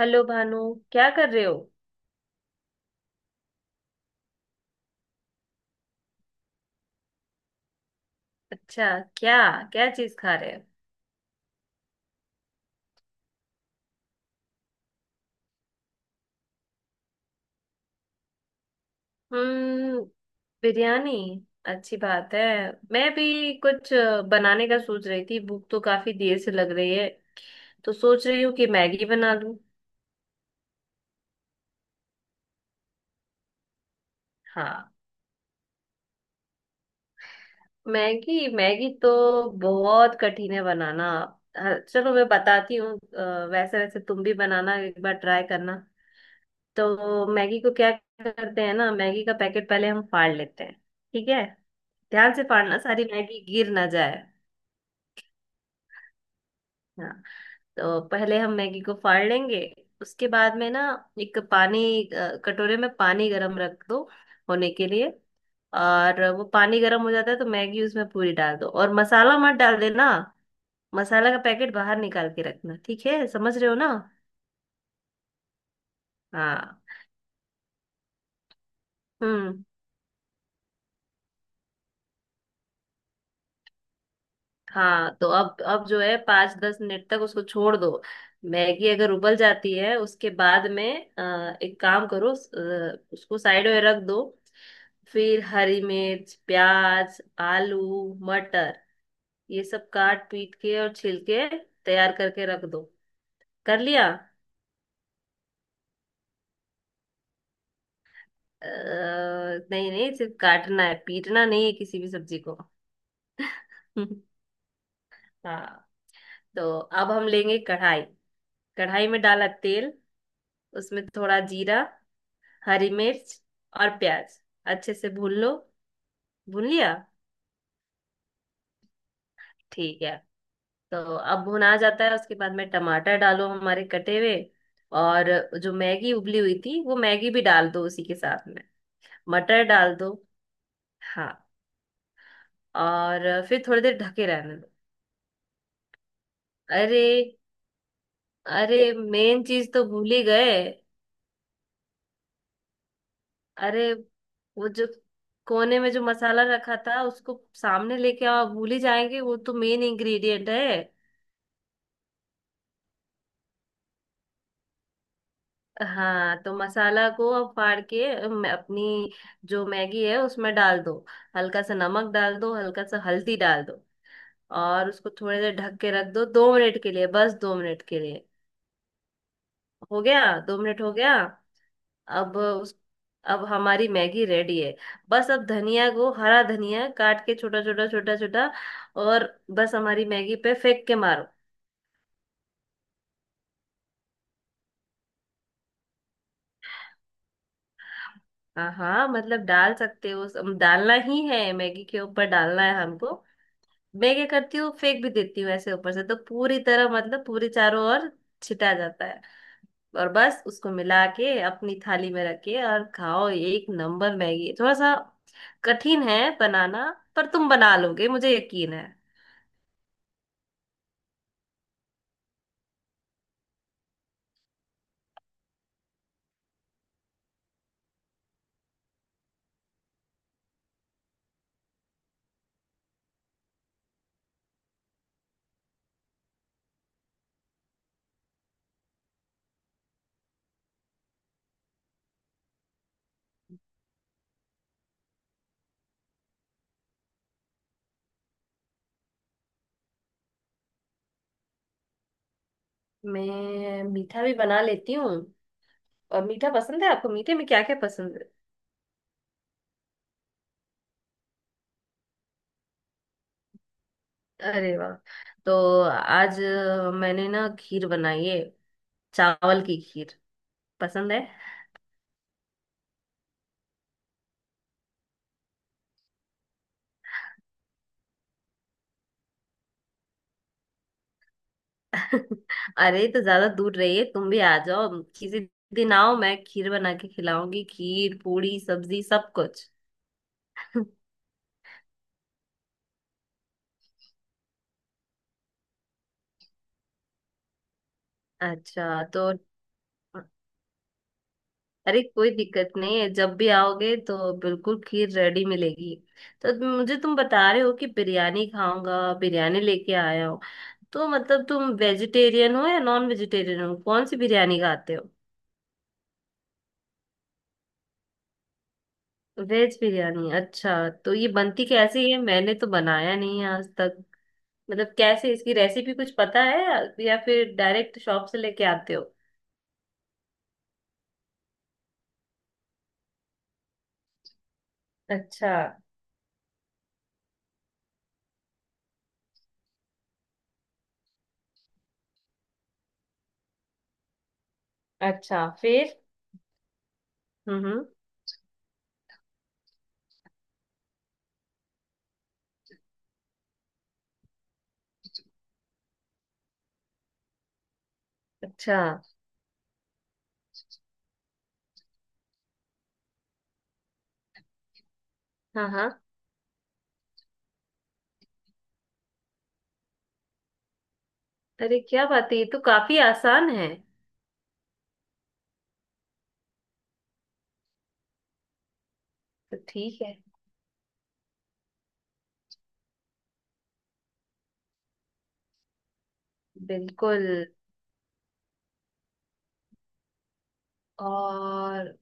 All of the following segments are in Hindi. हेलो भानु। क्या कर रहे हो। अच्छा। क्या क्या चीज खा रहे हो। हम्म। बिरयानी। अच्छी बात है। मैं भी कुछ बनाने का सोच रही थी, भूख तो काफी देर से लग रही है, तो सोच रही हूँ कि मैगी बना लूं। हाँ। मैगी मैगी तो बहुत कठिन है बनाना। हाँ, चलो मैं बताती हूँ। वैसे वैसे तुम भी बनाना, एक बार ट्राई करना। तो मैगी को क्या करते हैं ना, मैगी का पैकेट पहले हम फाड़ लेते हैं। ठीक है। ध्यान से फाड़ना, सारी मैगी गिर ना जाए। हाँ। तो पहले हम मैगी को फाड़ लेंगे। उसके बाद में ना एक पानी कटोरे में पानी गरम रख दो होने के लिए। और वो पानी गरम हो जाता है तो मैगी उसमें पूरी डाल दो, और मसाला मत डाल देना। मसाला का पैकेट बाहर निकाल के रखना, ठीक है, समझ रहे हो ना। हाँ। हम्म। हाँ। तो अब जो है 5-10 मिनट तक उसको छोड़ दो। मैगी अगर उबल जाती है उसके बाद में एक काम करो, उसको साइड में रख दो। फिर हरी मिर्च, प्याज, आलू, मटर, ये सब काट पीट के और छिल के तैयार करके रख दो। कर लिया। नहीं नहीं, सिर्फ काटना है, पीटना नहीं है किसी भी सब्जी को। हाँ। तो अब हम लेंगे कढ़ाई। कढ़ाई में डाला तेल। उसमें थोड़ा जीरा, हरी मिर्च और प्याज अच्छे से भून लो। भून लिया। ठीक है। तो अब भुना जाता है उसके बाद में टमाटर डालो हमारे कटे हुए। और जो मैगी उबली हुई थी वो मैगी भी डाल दो उसी के साथ में। मटर डाल दो। हाँ। और फिर थोड़ी देर ढके रहने दो। अरे। अरे मेन चीज तो भूल ही गए। अरे वो जो कोने में जो मसाला रखा था उसको सामने लेके आओ, भूल ही जाएंगे, वो तो मेन इंग्रेडिएंट है। हाँ। तो मसाला को अब फाड़ के अपनी जो मैगी है उसमें डाल दो। हल्का सा नमक डाल दो, हल्का सा हल्दी डाल दो। और उसको थोड़ी देर ढक के रख दो, 2 मिनट के लिए, बस 2 मिनट के लिए। हो गया। 2 मिनट हो गया। अब उस अब हमारी मैगी रेडी है। बस अब धनिया को, हरा धनिया काट के, छोटा छोटा छोटा छोटा। और बस हमारी मैगी पे फेंक के मारो। हाँ हाँ, मतलब डाल सकते हो। डालना ही है, मैगी के ऊपर डालना है हमको। मैं क्या करती हूँ, फेंक भी देती हूँ ऐसे ऊपर से तो पूरी तरह, मतलब पूरी चारों ओर छिटा जाता है। और बस उसको मिला के अपनी थाली में रख के और खाओ, ये एक नंबर मैगी है। थोड़ा सा कठिन है बनाना, पर तुम बना लोगे मुझे यकीन है। मैं मीठा भी बना लेती हूँ। और मीठा पसंद है आपको? मीठे में क्या क्या पसंद है? अरे वाह। तो आज मैंने ना खीर बनाई है, चावल की खीर। पसंद है? अरे तो ज्यादा दूर रहिए, तुम भी आ जाओ किसी दिन, आओ, मैं खीर बना के खिलाऊंगी, खीर पूड़ी सब्जी सब कुछ। अच्छा। तो अरे कोई दिक्कत नहीं है, जब भी आओगे तो बिल्कुल खीर रेडी मिलेगी। तो मुझे तुम बता रहे हो कि बिरयानी खाऊंगा, बिरयानी लेके आया हो, तो मतलब तुम वेजिटेरियन हो या नॉन वेजिटेरियन हो, कौन सी बिरयानी खाते हो? वेज बिरयानी, अच्छा। तो ये बनती कैसी है, मैंने तो बनाया नहीं है आज। मतलब कैसे इसकी रेसिपी कुछ पता है या फिर डायरेक्ट शॉप से लेके आते हो? अच्छा। अच्छा फिर। हम्म। अच्छा। हाँ हाँ। अरे क्या बात है, ये तो काफी आसान है। तो ठीक है। बिल्कुल। और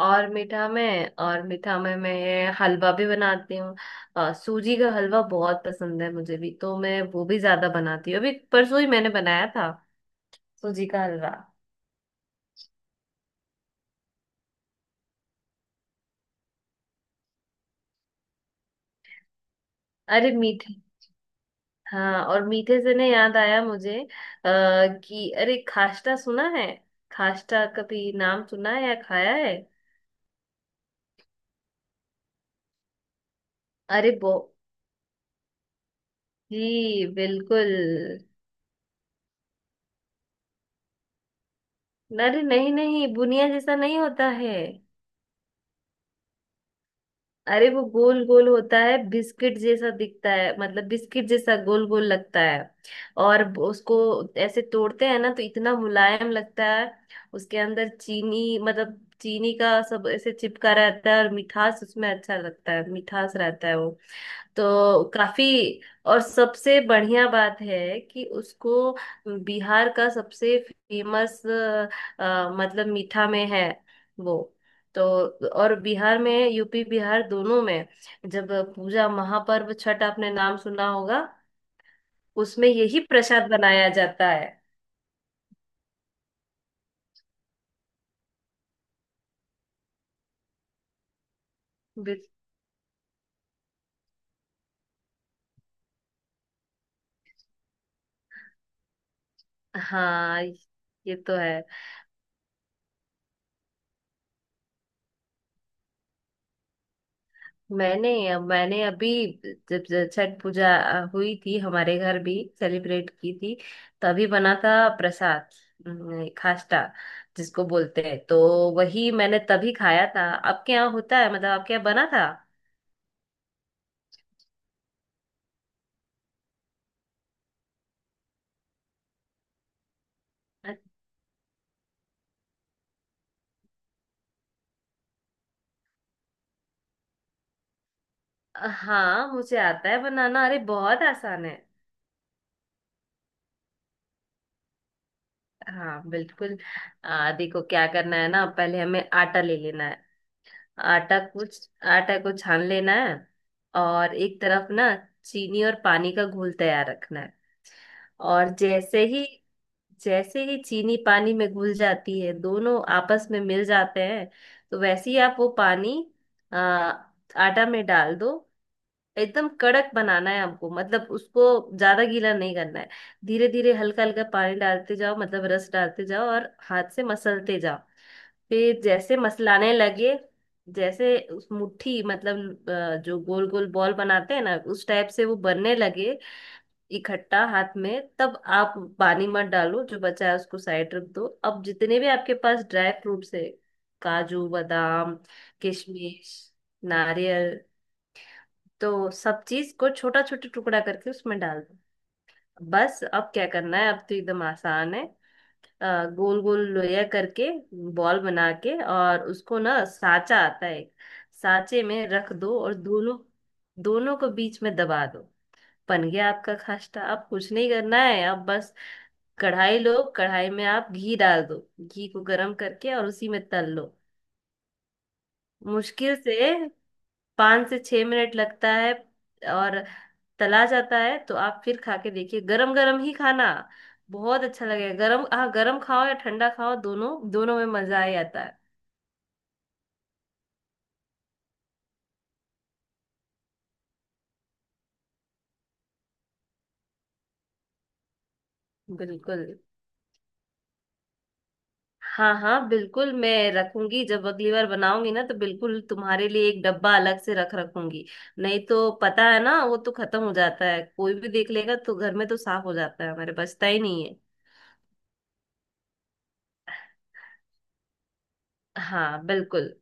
और मीठा में मैं हलवा भी बनाती हूँ। सूजी का हलवा बहुत पसंद है, मुझे भी, तो मैं वो भी ज्यादा बनाती हूँ, अभी परसों ही मैंने बनाया था सूजी का हलवा। अरे मीठे। हाँ, और मीठे से ना याद आया मुझे कि अरे खास्टा सुना है? खास्टा कभी नाम सुना है या खाया है? अरे बो जी बिल्कुल। अरे नहीं नहीं, बुनिया जैसा नहीं होता है। अरे वो गोल गोल होता है, बिस्किट जैसा दिखता है, मतलब बिस्किट जैसा गोल गोल लगता है। और उसको ऐसे तोड़ते हैं ना तो इतना मुलायम लगता है, उसके अंदर चीनी, मतलब चीनी का सब ऐसे चिपका रहता है और मिठास उसमें अच्छा लगता है, मिठास रहता है। तो काफी। और सबसे बढ़िया बात है कि उसको, बिहार का सबसे फेमस, मतलब मीठा में है वो तो। और बिहार में, यूपी बिहार दोनों में जब पूजा महापर्व छठ, आपने नाम सुना होगा, उसमें यही प्रसाद बनाया जाता है। बिल- हाँ, ये तो है। मैंने मैंने अभी, जब जब छठ पूजा हुई थी, हमारे घर भी सेलिब्रेट की थी, तभी बना था प्रसाद, खास्टा जिसको बोलते हैं, तो वही मैंने तभी खाया था, आपके यहाँ होता है, मतलब आपके यहाँ बना था। अ- हाँ, मुझे आता है बनाना, अरे बहुत आसान है। हाँ बिल्कुल। देखो क्या करना है ना, पहले हमें आटा ले लेना है। आटा कुछ आटा को छान लेना है। और एक तरफ ना चीनी और पानी का घोल तैयार रखना है। और जैसे ही चीनी पानी में घुल जाती है, दोनों आपस में मिल जाते हैं, तो वैसे ही आप वो पानी आटा में डाल दो। एकदम कड़क बनाना है हमको, मतलब उसको ज्यादा गीला नहीं करना है। धीरे धीरे हल्का हल्का पानी डालते जाओ, मतलब रस डालते जाओ और हाथ से मसलते जाओ। फिर जैसे मसलाने लगे, जैसे उस मुट्ठी, मतलब जो गोल गोल बॉल बनाते हैं ना, उस टाइप से वो बनने लगे, इकट्ठा हाथ में, तब आप पानी मत डालो, जो बचा है उसको साइड रख दो। अब जितने भी आपके पास ड्राई फ्रूट्स है, काजू, बादाम, किशमिश, नारियल, तो सब चीज को छोटा छोटा टुकड़ा करके उसमें डाल दो। बस अब क्या करना है, अब तो एकदम आसान है। गोल गोल लोया करके बॉल बना के, और उसको ना साचा आता है, साचे में रख दो और दोनों दोनों को बीच में दबा दो। बन गया आपका खास्टा। अब कुछ नहीं करना है, अब बस कढ़ाई लो, कढ़ाई में आप घी डाल दो, घी को गरम करके और उसी में तल लो। मुश्किल से 5 से 6 मिनट लगता है। और तला जाता है तो आप फिर खा के देखिए, गरम गरम ही खाना, बहुत अच्छा लगेगा गरम। हाँ, गरम खाओ या ठंडा खाओ, दोनों दोनों में मजा ही आता है। बिल्कुल। हाँ हाँ बिल्कुल, मैं रखूंगी, जब अगली बार बनाऊंगी ना तो बिल्कुल तुम्हारे लिए एक डब्बा अलग से रख रखूंगी। नहीं तो पता है ना, वो तो खत्म हो जाता है, कोई भी देख लेगा तो घर में तो साफ हो जाता है, हमारे बचता ही नहीं है। हाँ बिल्कुल।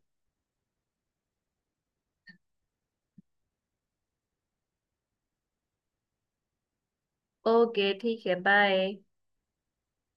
ओके ठीक है, बाय।